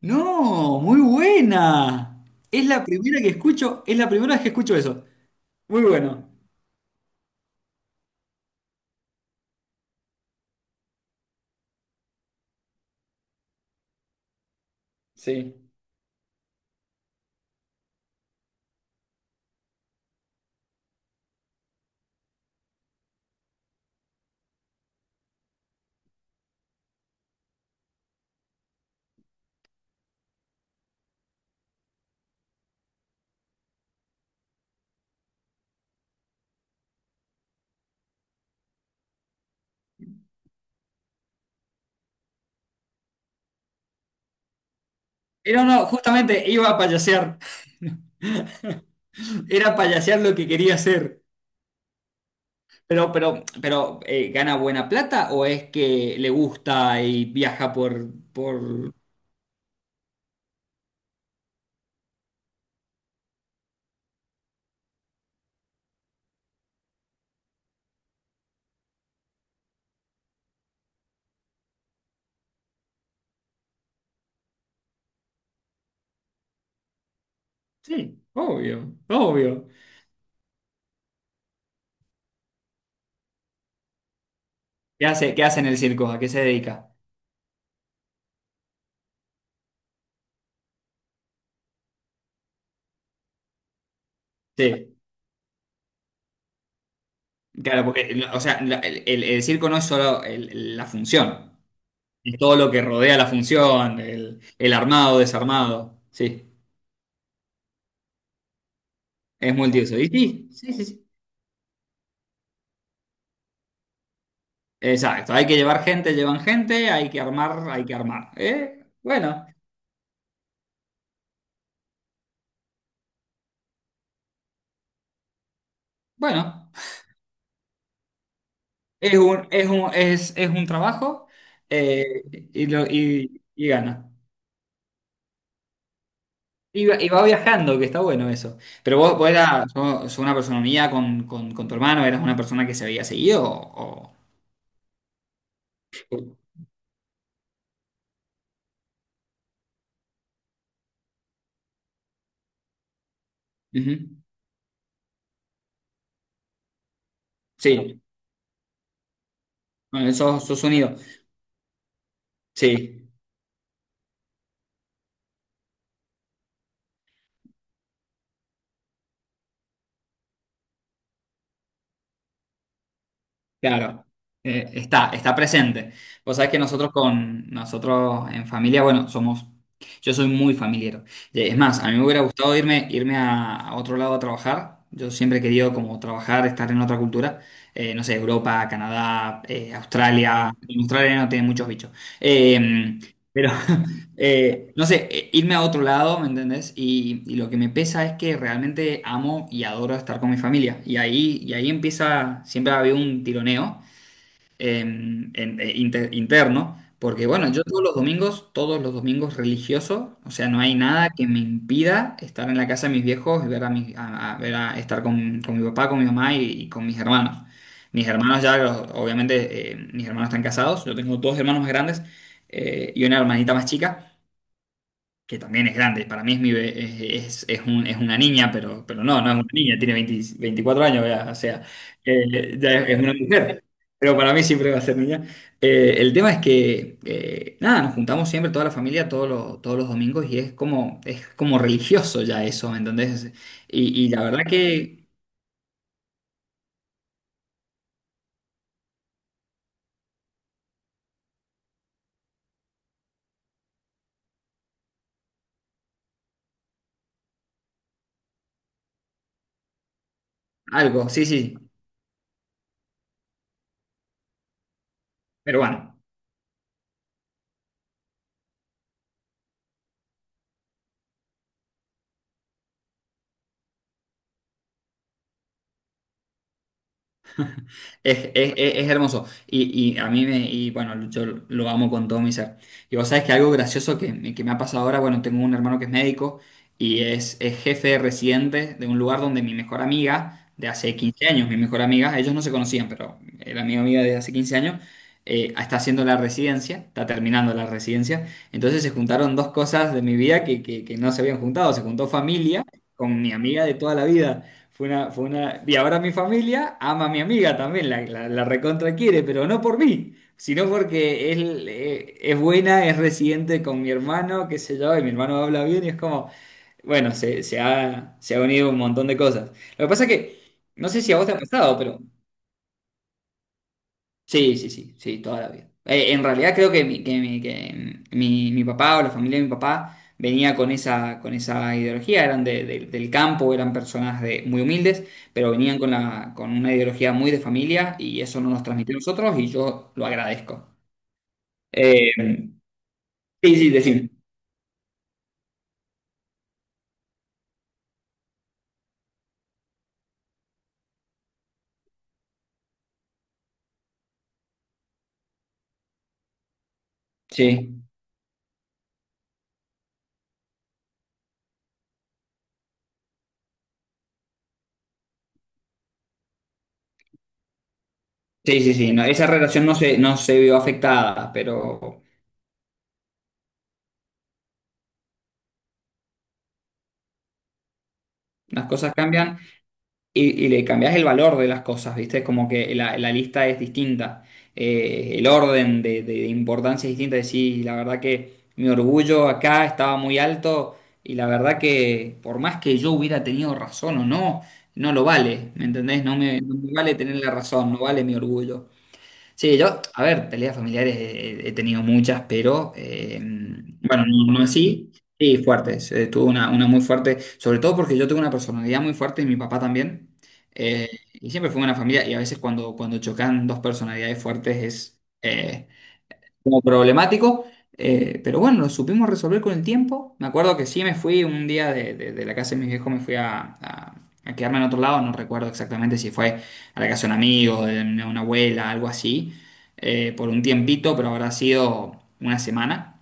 No, muy buena. Es la primera que escucho, es la primera vez que escucho eso. Muy bueno. Sí. Era no, justamente iba a payasear. Era payasear lo que quería hacer. Pero ¿gana buena plata o es que le gusta y viaja por... Sí, obvio, obvio. Qué hace en el circo? ¿A qué se dedica? Sí, claro, porque, o sea, el circo no es solo la función. Es todo lo que rodea la función, el armado, desarmado. Sí, es multiuso. Y sí, sí, sí, sí. Exacto. Hay que llevar gente, llevan gente, hay que armar, hay que armar. Bueno, bueno. Es un trabajo eh, y, lo, y gana. Y va viajando, que está bueno eso. Pero vos, sos una persona mía con tu hermano, eras una persona que se había seguido o... Ujú. Sí, bueno, sos, sos unido. Sí. Claro, está, está presente. Vos sabés que nosotros con nosotros en familia, bueno, somos, yo soy muy familiero. Es más, a mí me hubiera gustado irme, irme a otro lado a trabajar. Yo siempre he querido como trabajar, estar en otra cultura. No sé, Europa, Canadá, Australia. En Australia no tiene muchos bichos. Eh, pero no sé, irme a otro lado, ¿me entendés? Y lo que me pesa es que realmente amo y adoro estar con mi familia. Y ahí empieza, siempre ha habido un tironeo eh, en- interno, porque bueno, yo todos los domingos religioso, o sea, no hay nada que me impida estar en la casa de mis viejos y ver a, ver estar con mi papá, con mi mamá y con mis hermanos. Mis hermanos ya, obviamente, mis hermanos están casados, yo tengo dos hermanos más grandes y una hermanita más chica que también es grande. Para mí es, mi, be- es un- es una niña, pero no, no es una niña, tiene 20 24 años, ya, o sea, ya es una mujer. Pero para mí siempre va a ser niña. El tema es que, nada, nos juntamos siempre toda la familia todos los domingos y es como religioso ya eso, ¿me entendés? Y la verdad que algo, sí, sí, pero bueno. Es hermoso. Y a mí me, y bueno, yo lo amo con todo mi ser. Y vos sabés que algo gracioso que, me ha pasado ahora, bueno, tengo un hermano que es médico y es jefe de residente de un lugar donde mi mejor amiga, de hace 15 años, mi mejor amiga, ellos no se conocían, pero era mi amiga de hace 15 años, está haciendo la residencia, está terminando la residencia. Entonces se juntaron dos cosas de mi vida que, que no se habían juntado. Se juntó familia con mi amiga de toda la vida. Fue una... Y ahora mi familia ama a mi amiga también, la recontra quiere, pero no por mí, sino porque él es buena, es residente con mi hermano, qué sé yo, y mi hermano habla bien y es como, bueno, se, se ha unido un montón de cosas. Lo que pasa es que, no sé si a vos te ha pasado, pero sí, sí, sí, sí, toda la vida. En realidad creo que, mi papá o la familia de mi papá venía con esa ideología, eran del campo, eran personas de, muy humildes, pero venían con, la, con una ideología muy de familia y eso no nos transmitió a nosotros y yo lo agradezco. Eh, sí, sí, decime. Sí, sí, sí, sí, no, esa relación no se, no se vio afectada, pero las cosas cambian. Y, y le cambias el valor de las cosas, ¿viste? Como que la lista es distinta, el orden de importancia es distinta. Decís, la verdad que mi orgullo acá estaba muy alto y la verdad que por más que yo hubiera tenido razón o no, no lo vale, ¿me entendés? No me, no me vale tener la razón, no vale mi orgullo. Sí, yo, a ver, peleas familiares he tenido muchas, pero bueno, no, no así. Sí, fuertes. Tuve una muy fuerte, sobre todo porque yo tengo una personalidad muy fuerte y mi papá también. eh, y siempre fue una familia, y a veces cuando, cuando chocan dos personalidades fuertes es, como problemático, pero bueno, lo supimos resolver con el tiempo. Me acuerdo que sí me fui un día de, de la casa de mis viejos, me fui a, a quedarme en otro lado, no recuerdo exactamente si fue a la casa de un amigo, de una abuela, algo así, por un tiempito, pero habrá sido una semana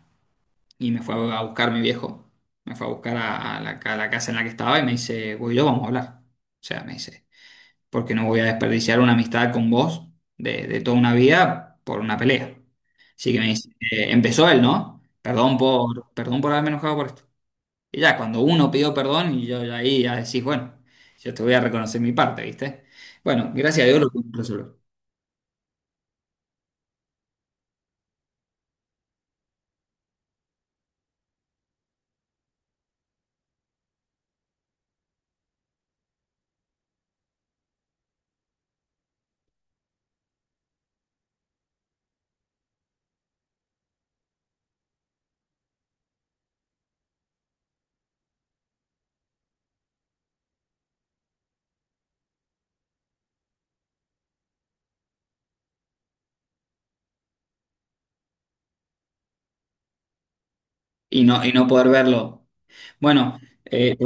y me fue a buscar mi viejo, me fue a buscar a la casa en la que estaba y me dice, Guido, vamos a hablar. O sea, me dice porque no voy a desperdiciar una amistad con vos de toda una vida por una pelea. Así que me dice, empezó él, ¿no? Perdón por, perdón por haberme enojado por esto. Y ya, cuando uno pidió perdón, y yo ya ahí ya decís, bueno, yo te voy a reconocer mi parte, ¿viste? Bueno, gracias a Dios lo pude resolver. Y no poder verlo. Bueno, eh,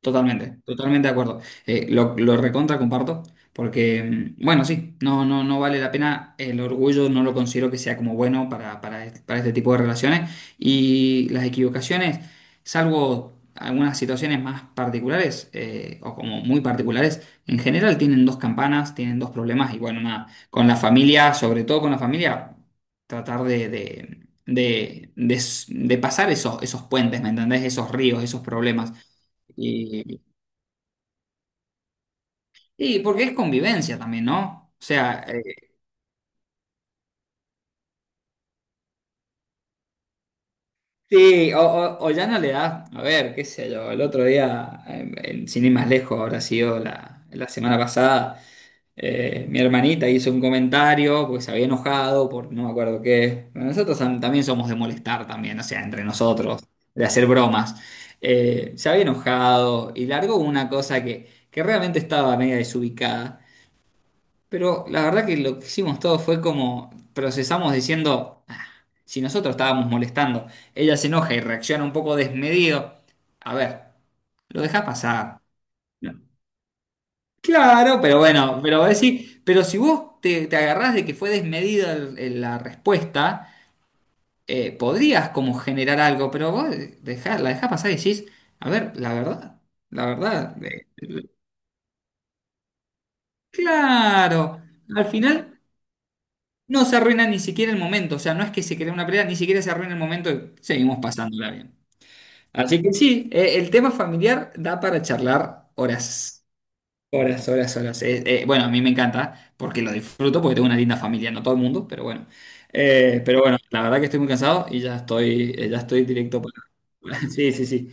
totalmente, totalmente de acuerdo. Lo recontra comparto, porque, bueno, sí, no, no, no vale la pena. El orgullo no lo considero que sea como bueno para este tipo de relaciones. Y las equivocaciones, salvo algunas situaciones más particulares, o como muy particulares, en general tienen dos campanas, tienen dos problemas. Y bueno, nada, con la familia, sobre todo con la familia, tratar de, de pasar esos, esos puentes, ¿me entendés? Esos ríos, esos problemas. Y, y porque es convivencia también, ¿no? O sea, sí, o, o ya no le das, a ver, qué sé yo, el otro día, sin ir más lejos, habrá sido la, la semana pasada, mi hermanita hizo un comentario porque se había enojado por no me acuerdo qué. Bueno, nosotros también somos de molestar también, o sea, entre nosotros, de hacer bromas. Se había enojado y largó una cosa que realmente estaba media desubicada. Pero la verdad que lo que hicimos todo fue como procesamos diciendo, "Ah, si nosotros estábamos molestando, ella se enoja y reacciona un poco desmedido. A ver, lo dejás pasar. No. Claro, pero bueno, pero vos decís, pero si vos te, te agarrás de que fue desmedida la respuesta, podrías como generar algo, pero vos la dejás pasar y decís, a ver, la verdad, claro, al final. No se arruina ni siquiera el momento, o sea, no es que se crea una pelea, ni siquiera se arruina el momento y seguimos pasándola bien. Así que sí, el tema familiar da para charlar horas, horas, horas, horas. Bueno, a mí me encanta porque lo disfruto, porque tengo una linda familia, no todo el mundo, pero bueno. Pero bueno, la verdad que estoy muy cansado y ya estoy directo para... Sí, sí, sí.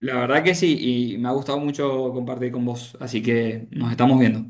La verdad que sí, y me ha gustado mucho compartir con vos, así que nos estamos viendo.